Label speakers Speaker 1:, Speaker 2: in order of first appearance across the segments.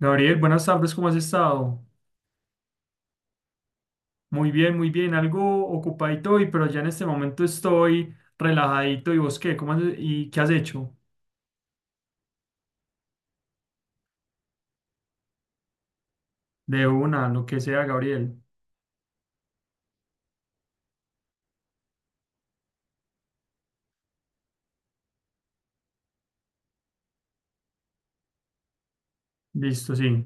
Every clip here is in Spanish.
Speaker 1: Gabriel, buenas tardes, ¿cómo has estado? Muy bien, algo ocupadito hoy, pero ya en este momento estoy relajadito. ¿Y vos qué? ¿Y qué has hecho? De una, lo que sea, Gabriel. Listo, sí.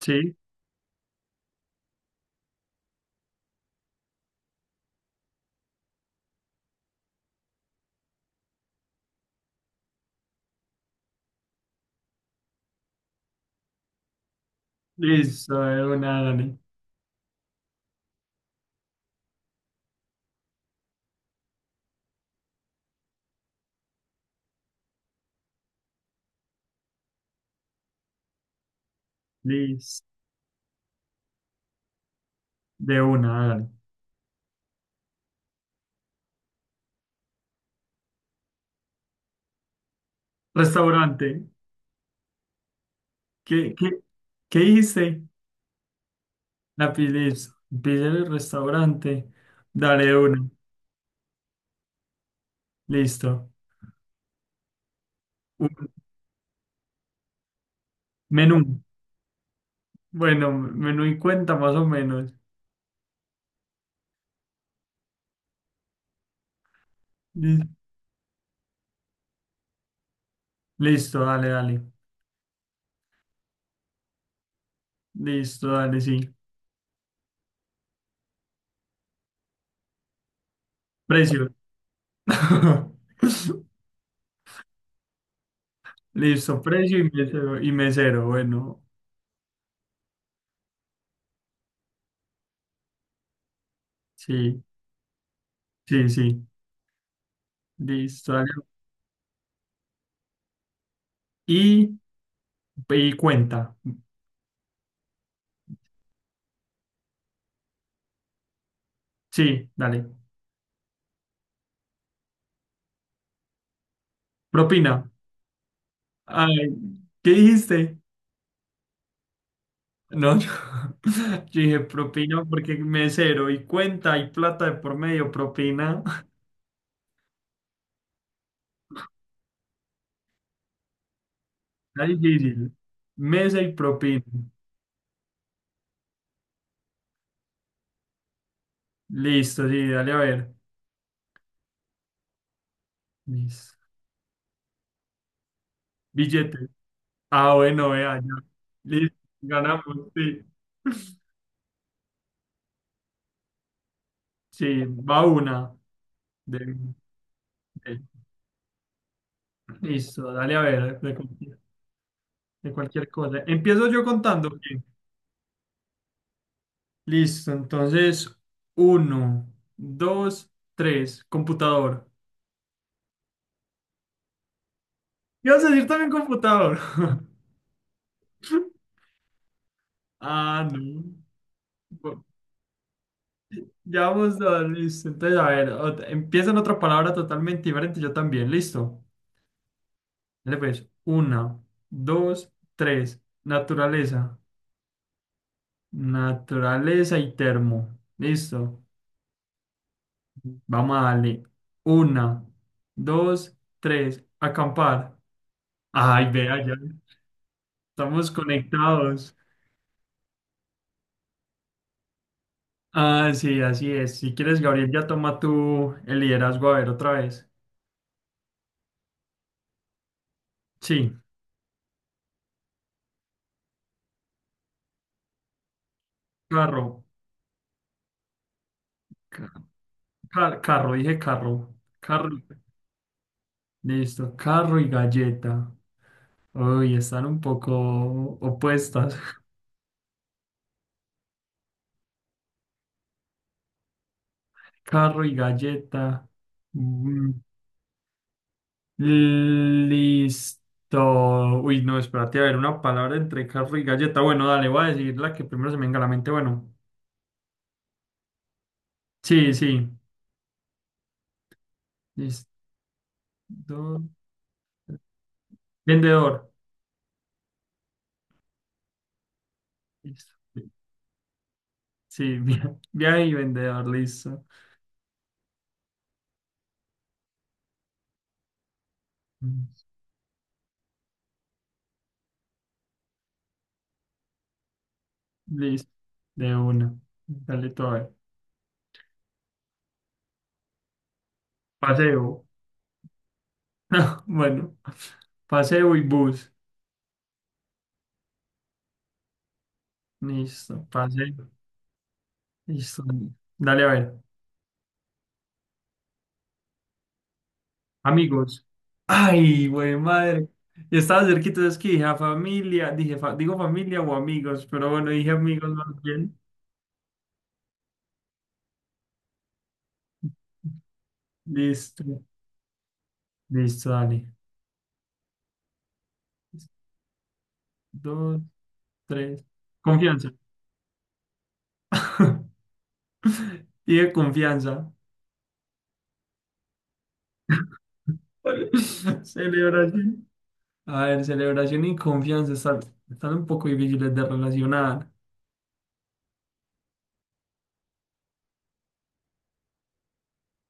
Speaker 1: Sí, listo, de una, dale. Listo, de una, dale. Restaurante. ¿Qué, qué, qué dijiste? Listo. Pide el restaurante, dale de una, listo. Un menú, bueno, menú y cuenta más o menos. Listo, dale, dale. Listo, dale, sí. Precio. Listo, precio y mesero. Bueno, sí, sí, sí. Listo, dale. Y, y cuenta. Sí, dale. Propina. Ay, ¿qué dijiste? No, yo, yo dije propina porque mesero y cuenta y plata de por medio, propina. Está difícil. Mesa y propina. Listo, sí, dale a ver. Listo. Billete. Ah, bueno, vea, ya. Listo, ganamos, sí. Sí, va una. De, de- Listo, dale a ver, de cualquier cosa. Empiezo yo contando. Ok. Listo, entonces, uno, dos, tres, computador. ¿Ibas a decir también computador? Ah, no. Bu- listo. Entonces, a ver, empieza en otra palabra totalmente diferente, yo también, listo. Dale pues, una, dos, tres. Naturaleza. Naturaleza y termo. Listo. Vamos a darle. Una, dos, tres. Acampar. Ay, vea, ya estamos conectados. Ah, sí, así es. Si quieres, Gabriel, ya toma tú el liderazgo. A ver, otra vez. Sí, carro. Ca- carro, dije carro. Carro. Listo, carro y galleta. Uy, están un poco opuestas. Carro y galleta. Mm, listo. Uy, no, espérate, a ver, una palabra entre carro y galleta. Bueno, dale, voy a decir la que primero se me venga a la mente. Bueno, sí, sí. Listo. Vendedor. Listo. Sí, viaje y vendedor, listo. Mm, Listo, de una. Dale todo. Ahí. Paseo. Bueno, paseo y bus. Listo, paseo. Listo. Dale a ver. Amigos. Ay, güey, madre. Y estaba cerquita, es que dije a familia, dije, digo familia o amigos, pero bueno, dije amigos más bien. Listo, listo, dale. Dos, tres. Confianza. Y de confianza. Celebración. A ver, celebración y confianza están un poco difíciles de relacionar.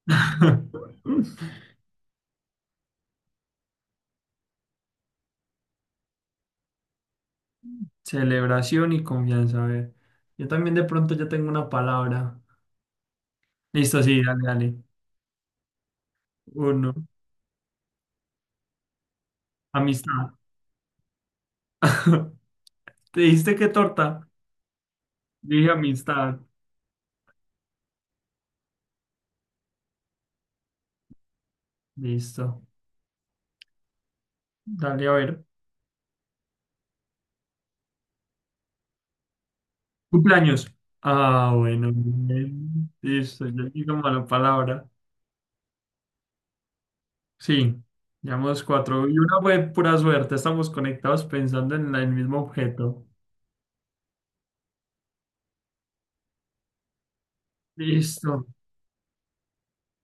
Speaker 1: Celebración y confianza, a ver. Yo también de pronto ya tengo una palabra. Listo, sí, dale, dale. Uno. Amistad. ¿Te diste qué torta? Dije amistad. Listo. Dale a ver. Cumpleaños. Ah, bueno. Bien. Listo. Yo digo mala palabra. Sí. Llevamos cuatro. Y una fue pura suerte. Estamos conectados pensando en el mismo objeto. Listo.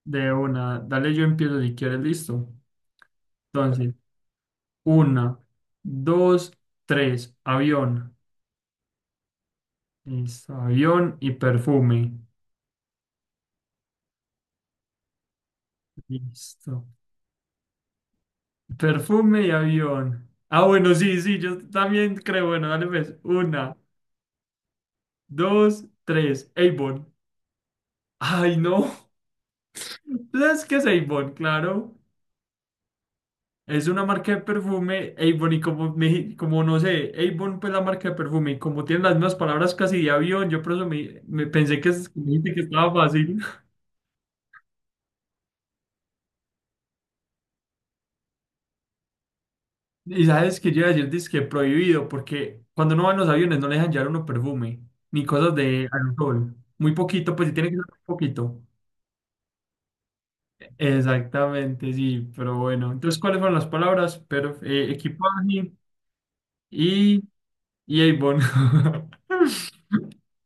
Speaker 1: De una. Dale, yo empiezo si quieres. Listo. Entonces, una, dos, tres. Avión. Listo. Avión y perfume. Listo. Perfume y avión. Ah, bueno, sí, sí, yo también creo. Bueno, dale pues. Una, dos, tres. Avon. Ay, no. ¿Sabes qué es Avon? Claro. Es una marca de perfume, Avon, y como, me, como no sé, Avon pues la marca de perfume, y como tienen las mismas palabras casi de avión, yo por eso me pensé que, me dijiste que estaba fácil. Y sabes que yo iba a decir, dizque prohibido, porque cuando uno va en los aviones no le dejan llevar uno perfume, ni cosas de alcohol. Muy poquito, pues si tiene que ser muy poquito. Exactamente, sí, pero bueno. Entonces, ¿cuáles fueron las palabras? Pero, equipaje y, y Avon.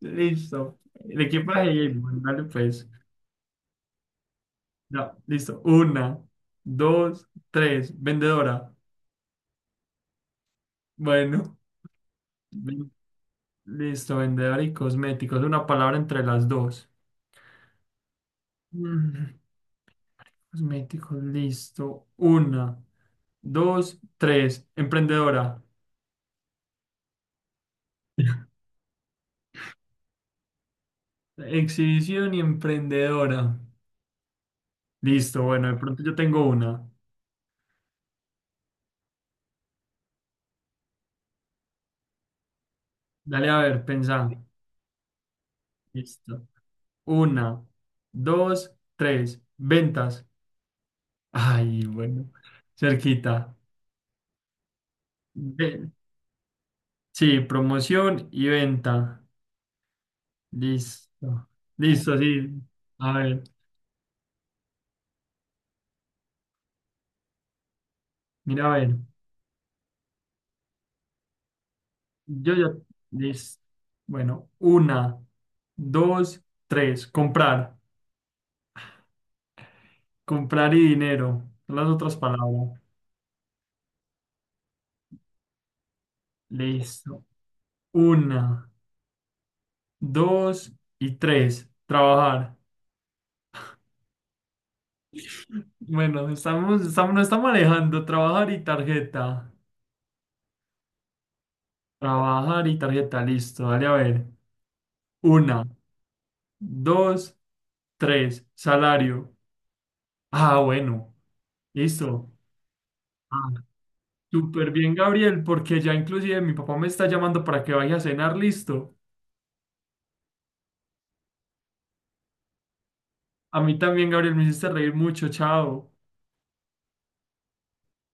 Speaker 1: Listo. El equipaje y Avon, dale pues. Ya, listo. Una, dos, tres. Vendedora. Bueno, ven- listo, vendedora y cosméticos. Una palabra entre las dos. Mm, Cosméticos, listo. Una, dos, tres. Emprendedora. Exhibición y emprendedora. Listo, bueno, de pronto yo tengo una. Dale, a ver, pensá. Listo. Una, dos, tres. Ventas. Ay, bueno, cerquita. Ve- sí, promoción y venta. Listo. Listo, sí. A ver, mira, a ver. Yo ya. Listo. Bueno, una, dos, tres. Comprar. Comprar y dinero. Son las otras palabras. Listo. Una. Dos y tres. Trabajar. Bueno, estamos, no estamos alejando. Trabajar y tarjeta. Trabajar y tarjeta. Listo, dale a ver. Una, dos, tres. Salario. Ah, bueno. Listo. Ah, súper bien, Gabriel, porque ya inclusive mi papá me está llamando para que vaya a cenar. Listo. A mí también, Gabriel, me hiciste reír mucho. Chao.